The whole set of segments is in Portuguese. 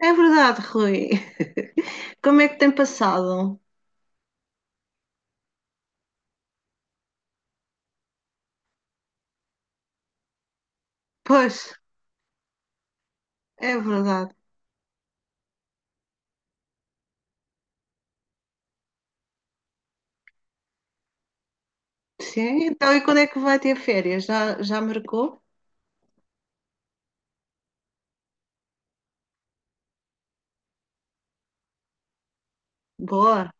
É verdade, Rui. Como é que tem passado? Pois, é verdade. Sim, então e quando é que vai ter férias? Já marcou? Boa.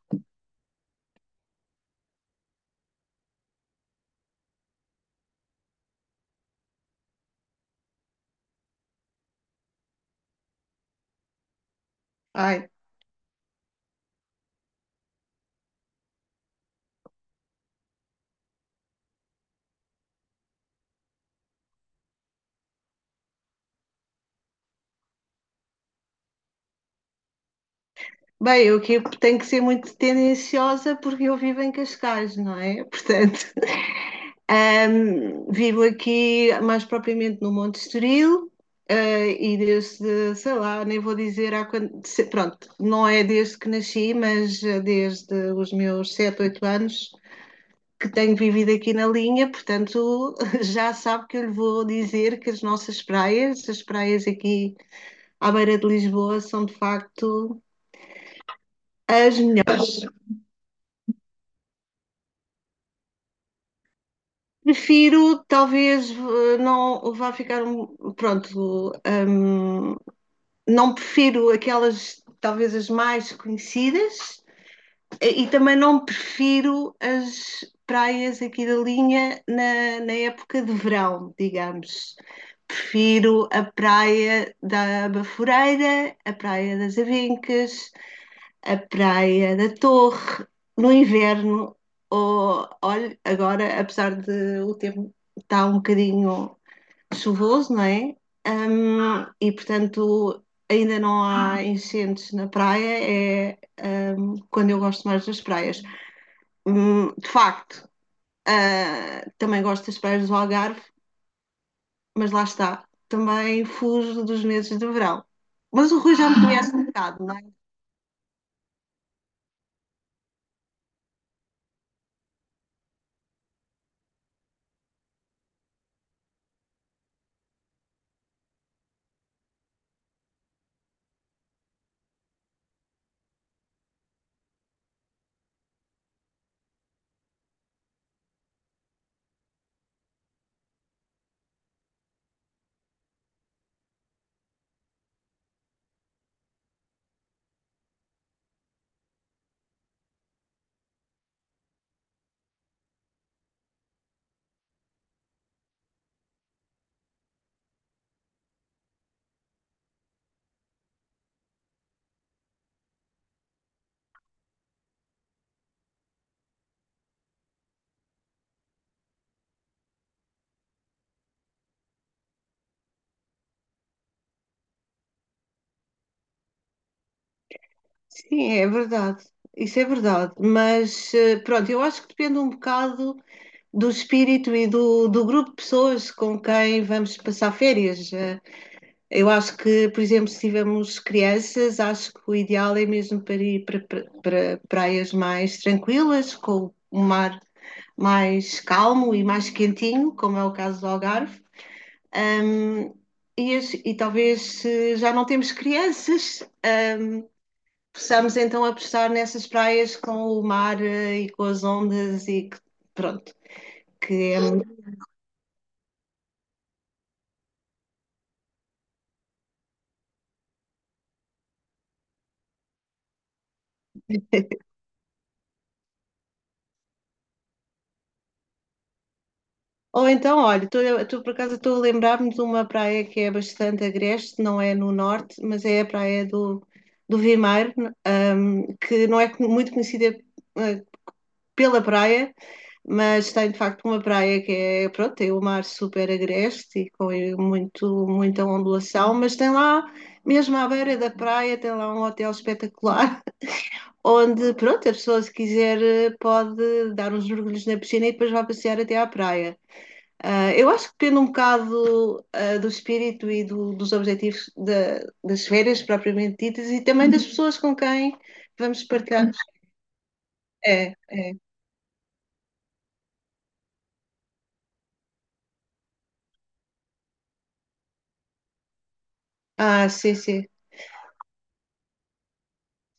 Ai. Bem, eu aqui tenho que ser muito tendenciosa porque eu vivo em Cascais, não é? Portanto, vivo aqui mais propriamente no Monte Estoril. E desde, sei lá, nem vou dizer há quando, pronto, não é desde que nasci, mas desde os meus 7, 8 anos que tenho vivido aqui na linha. Portanto, já sabe que eu lhe vou dizer que as nossas praias, as praias aqui à beira de Lisboa, são de facto as melhores. Prefiro, talvez, não vá ficar, pronto, hum, não prefiro aquelas, talvez as mais conhecidas. E também não prefiro as praias aqui da linha na, na época de verão, digamos. Prefiro a praia da Baforeira, a praia das Avencas, a praia da Torre, no inverno. Ou, olha, agora, apesar de o tempo estar um bocadinho chuvoso, não é? Hum. E portanto ainda não há incêndios na praia, é quando eu gosto mais das praias. Hum. De facto, também gosto das praias do Algarve, mas lá está, também fujo dos meses de verão. Mas o Rui já me conhece um bocado, não é? Sim, é verdade. Isso é verdade. Mas pronto, eu acho que depende um bocado do espírito e do, do grupo de pessoas com quem vamos passar férias. Eu acho que, por exemplo, se tivermos crianças, acho que o ideal é mesmo para ir para praias mais tranquilas, com o mar mais calmo e mais quentinho, como é o caso do Algarve. E, e talvez se já não temos crianças, possamos então apostar nessas praias com o mar e com as ondas e pronto, que é. Ou então, olha, estou por acaso estou a lembrar-me de uma praia que é bastante agreste, não é no norte, mas é a praia do Vimeiro, que não é muito conhecida eh, pela praia, mas tem de facto uma praia que é, pronto, tem o mar super agreste e com muito, muita ondulação, mas tem lá, mesmo à beira da praia, tem lá um hotel espetacular, onde, pronto, a pessoa se quiser pode dar uns mergulhos na piscina e depois vai passear até à praia. Eu acho que depende um bocado, do espírito e dos objetivos das férias propriamente ditas e também das pessoas com quem vamos partilhar. É, é. Ah, sim, sim.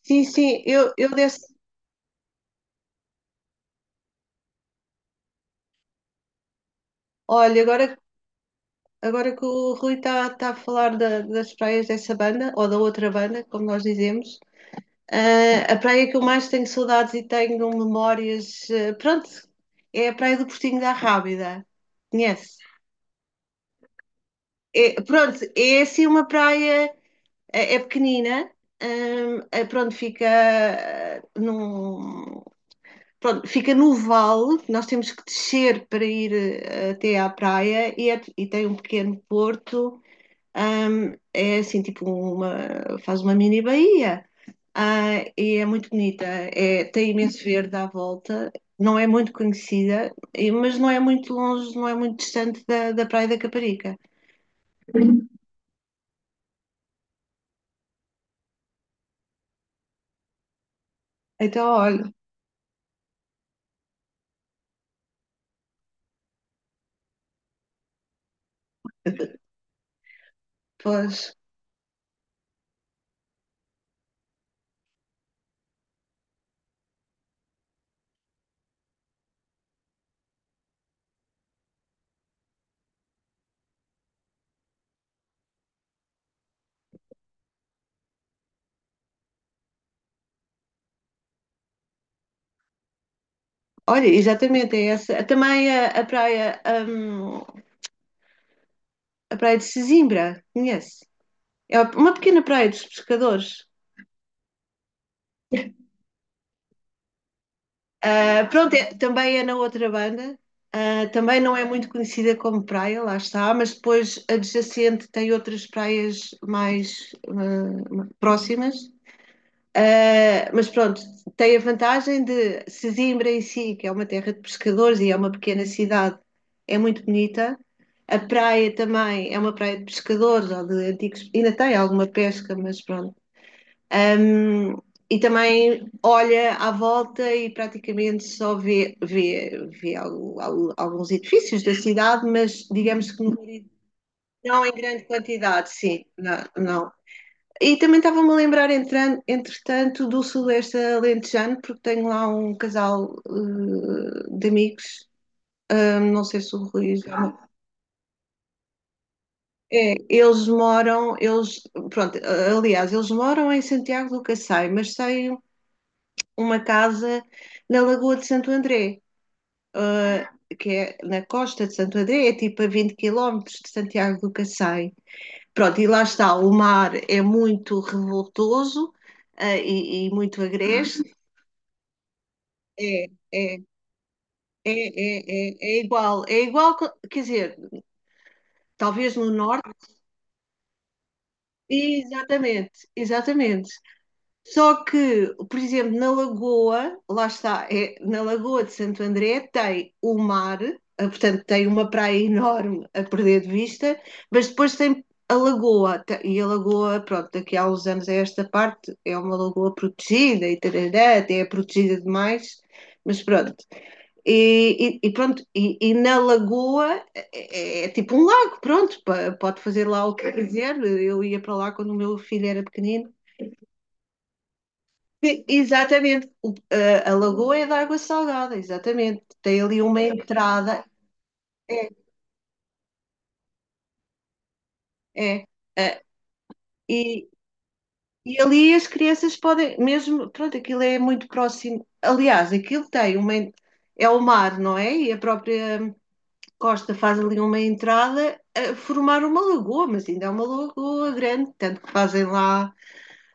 Sim, sim, eu desse. Olha, agora que o Rui está a falar das praias dessa banda, ou da outra banda, como nós dizemos. A praia que eu mais tenho saudades e tenho memórias, pronto, é a Praia do Portinho da Rábida. Conhece? Pronto, é assim uma praia, é pequenina. Pronto, fica pronto, fica no vale. Nós temos que descer para ir até à praia, e, e tem um pequeno porto. É assim, tipo, faz uma mini baía. E é muito bonita. É, tem imenso verde à volta. Não é muito conhecida, mas não é muito longe, não é muito distante da Praia da Caparica. Então, olha. Pois. Olha, exatamente, é essa. Também a a praia de Sesimbra, conhece? É uma pequena praia dos pescadores. Pronto, também é na outra banda. Também não é muito conhecida como praia, lá está, mas depois adjacente tem outras praias mais próximas. Mas pronto, tem a vantagem de Sesimbra em si, que é uma terra de pescadores e é uma pequena cidade, é muito bonita. A praia também é uma praia de pescadores ou de antigos, ainda tem alguma pesca, mas pronto. Ahm, e também olha à volta e praticamente só vê alguns edifícios da cidade, mas digamos que não em grande quantidade, sim, não, não. E também estava-me a lembrar, entretanto, do Sudoeste Alentejano, porque tenho lá um casal de amigos. Não sei se o Rui já... É, pronto, aliás, eles moram em Santiago do Cacém, mas sei uma casa na Lagoa de Santo André, que é na costa de Santo André, é tipo a 20 quilómetros de Santiago do Cacém. Pronto, e lá está, o mar é muito revoltoso, e muito agreste. É, é, é, é, é, é igual, quer dizer, talvez no norte. Exatamente, exatamente. Só que, por exemplo, na Lagoa, lá está, é, na Lagoa de Santo André tem o mar. Portanto tem uma praia enorme a perder de vista, mas depois tem a Lagoa, e a Lagoa, pronto, daqui a uns anos a esta parte é uma lagoa protegida e tarará, até é protegida demais, mas pronto. E, e pronto, e na Lagoa é, é tipo um lago, pronto, pode fazer lá o que quiser, eu ia para lá quando o meu filho era pequenino. Exatamente. A lagoa é de água salgada, exatamente. Tem ali uma entrada. É, é. É, e, e ali as crianças podem, mesmo, pronto, aquilo é muito próximo. Aliás, aquilo tem uma. É o mar, não é? E a própria costa faz ali uma entrada a formar uma lagoa, mas ainda é uma lagoa grande, tanto que fazem lá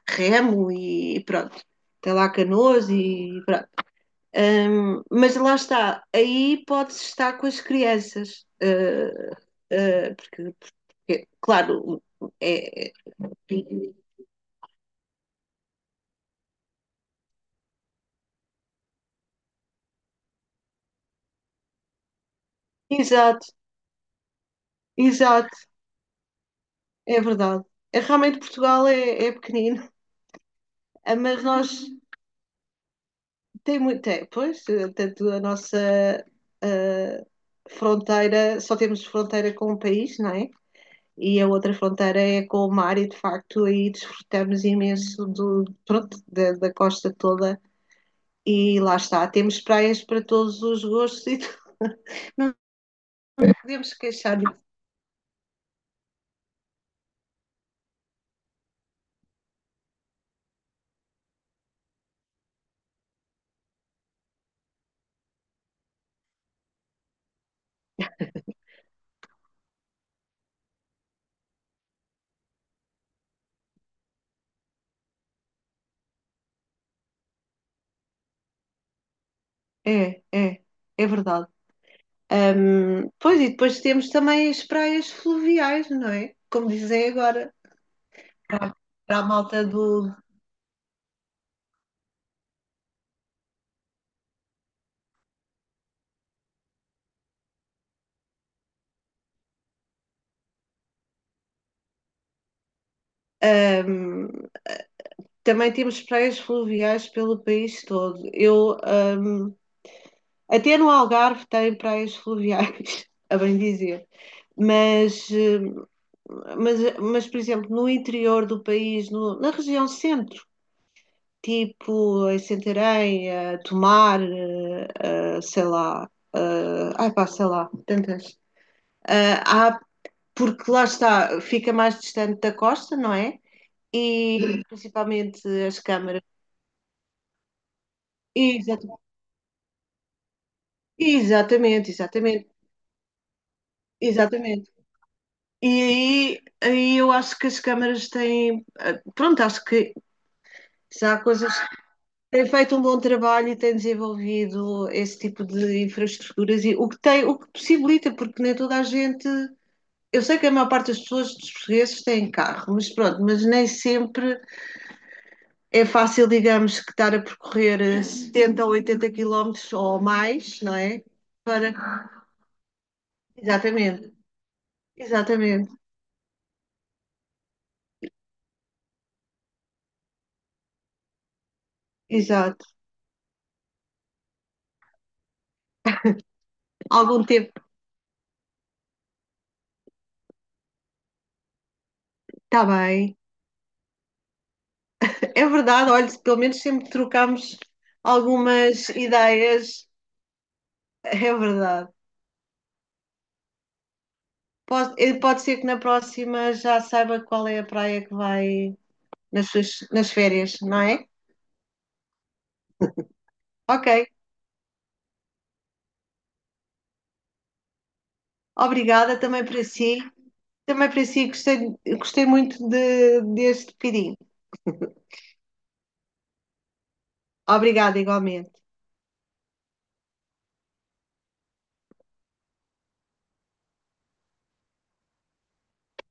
remo e pronto. Tem lá canoas e pronto. Mas lá está, aí pode-se estar com as crianças, porque, claro, é, é- exato, exato, é verdade. É, realmente Portugal é, é pequenino. Mas nós tem muito, é, pois, tanto a nossa ah, fronteira, só temos fronteira com o país, não é? E a outra fronteira é com o mar e de facto aí desfrutamos imenso do, pronto, da costa toda. E lá está, temos praias para todos os gostos e tudo. Não podemos queixar disso. É, é, é verdade. Pois, e depois temos também as praias fluviais, não é? Como dizem agora, para a malta do. Ahm, Também temos praias fluviais pelo país todo. Eu, até no Algarve tem praias fluviais, a bem dizer. Mas, eh, mas, por exemplo, no interior do país, na região centro, tipo em Santarém, a Tomar, sei lá, eh, ai pá, sei lá, tantas. Há, porque lá está, fica mais distante da costa, não é? E principalmente as câmaras. Exata- Exatamente, exatamente, exatamente. E aí eu acho que as câmaras têm. Pronto, acho que já há coisas. Tem feito um bom trabalho e tem desenvolvido esse tipo de infraestruturas, e o que tem, o que possibilita, porque nem toda a gente. Eu sei que a maior parte das pessoas, dos portugueses, têm carro, mas pronto, mas nem sempre é fácil, digamos, que estar a percorrer 70 ou 80 quilómetros ou mais, não é? Para... Exatamente, exatamente, exato. Algum tempo, está bem. É verdade, olha, pelo menos sempre trocámos algumas ideias, é verdade. Pode ser que na próxima já saiba qual é a praia que vai nas suas, nas férias, não é? Ok, obrigada também para si. Também para si, gostei muito deste pedido. Obrigada, igualmente.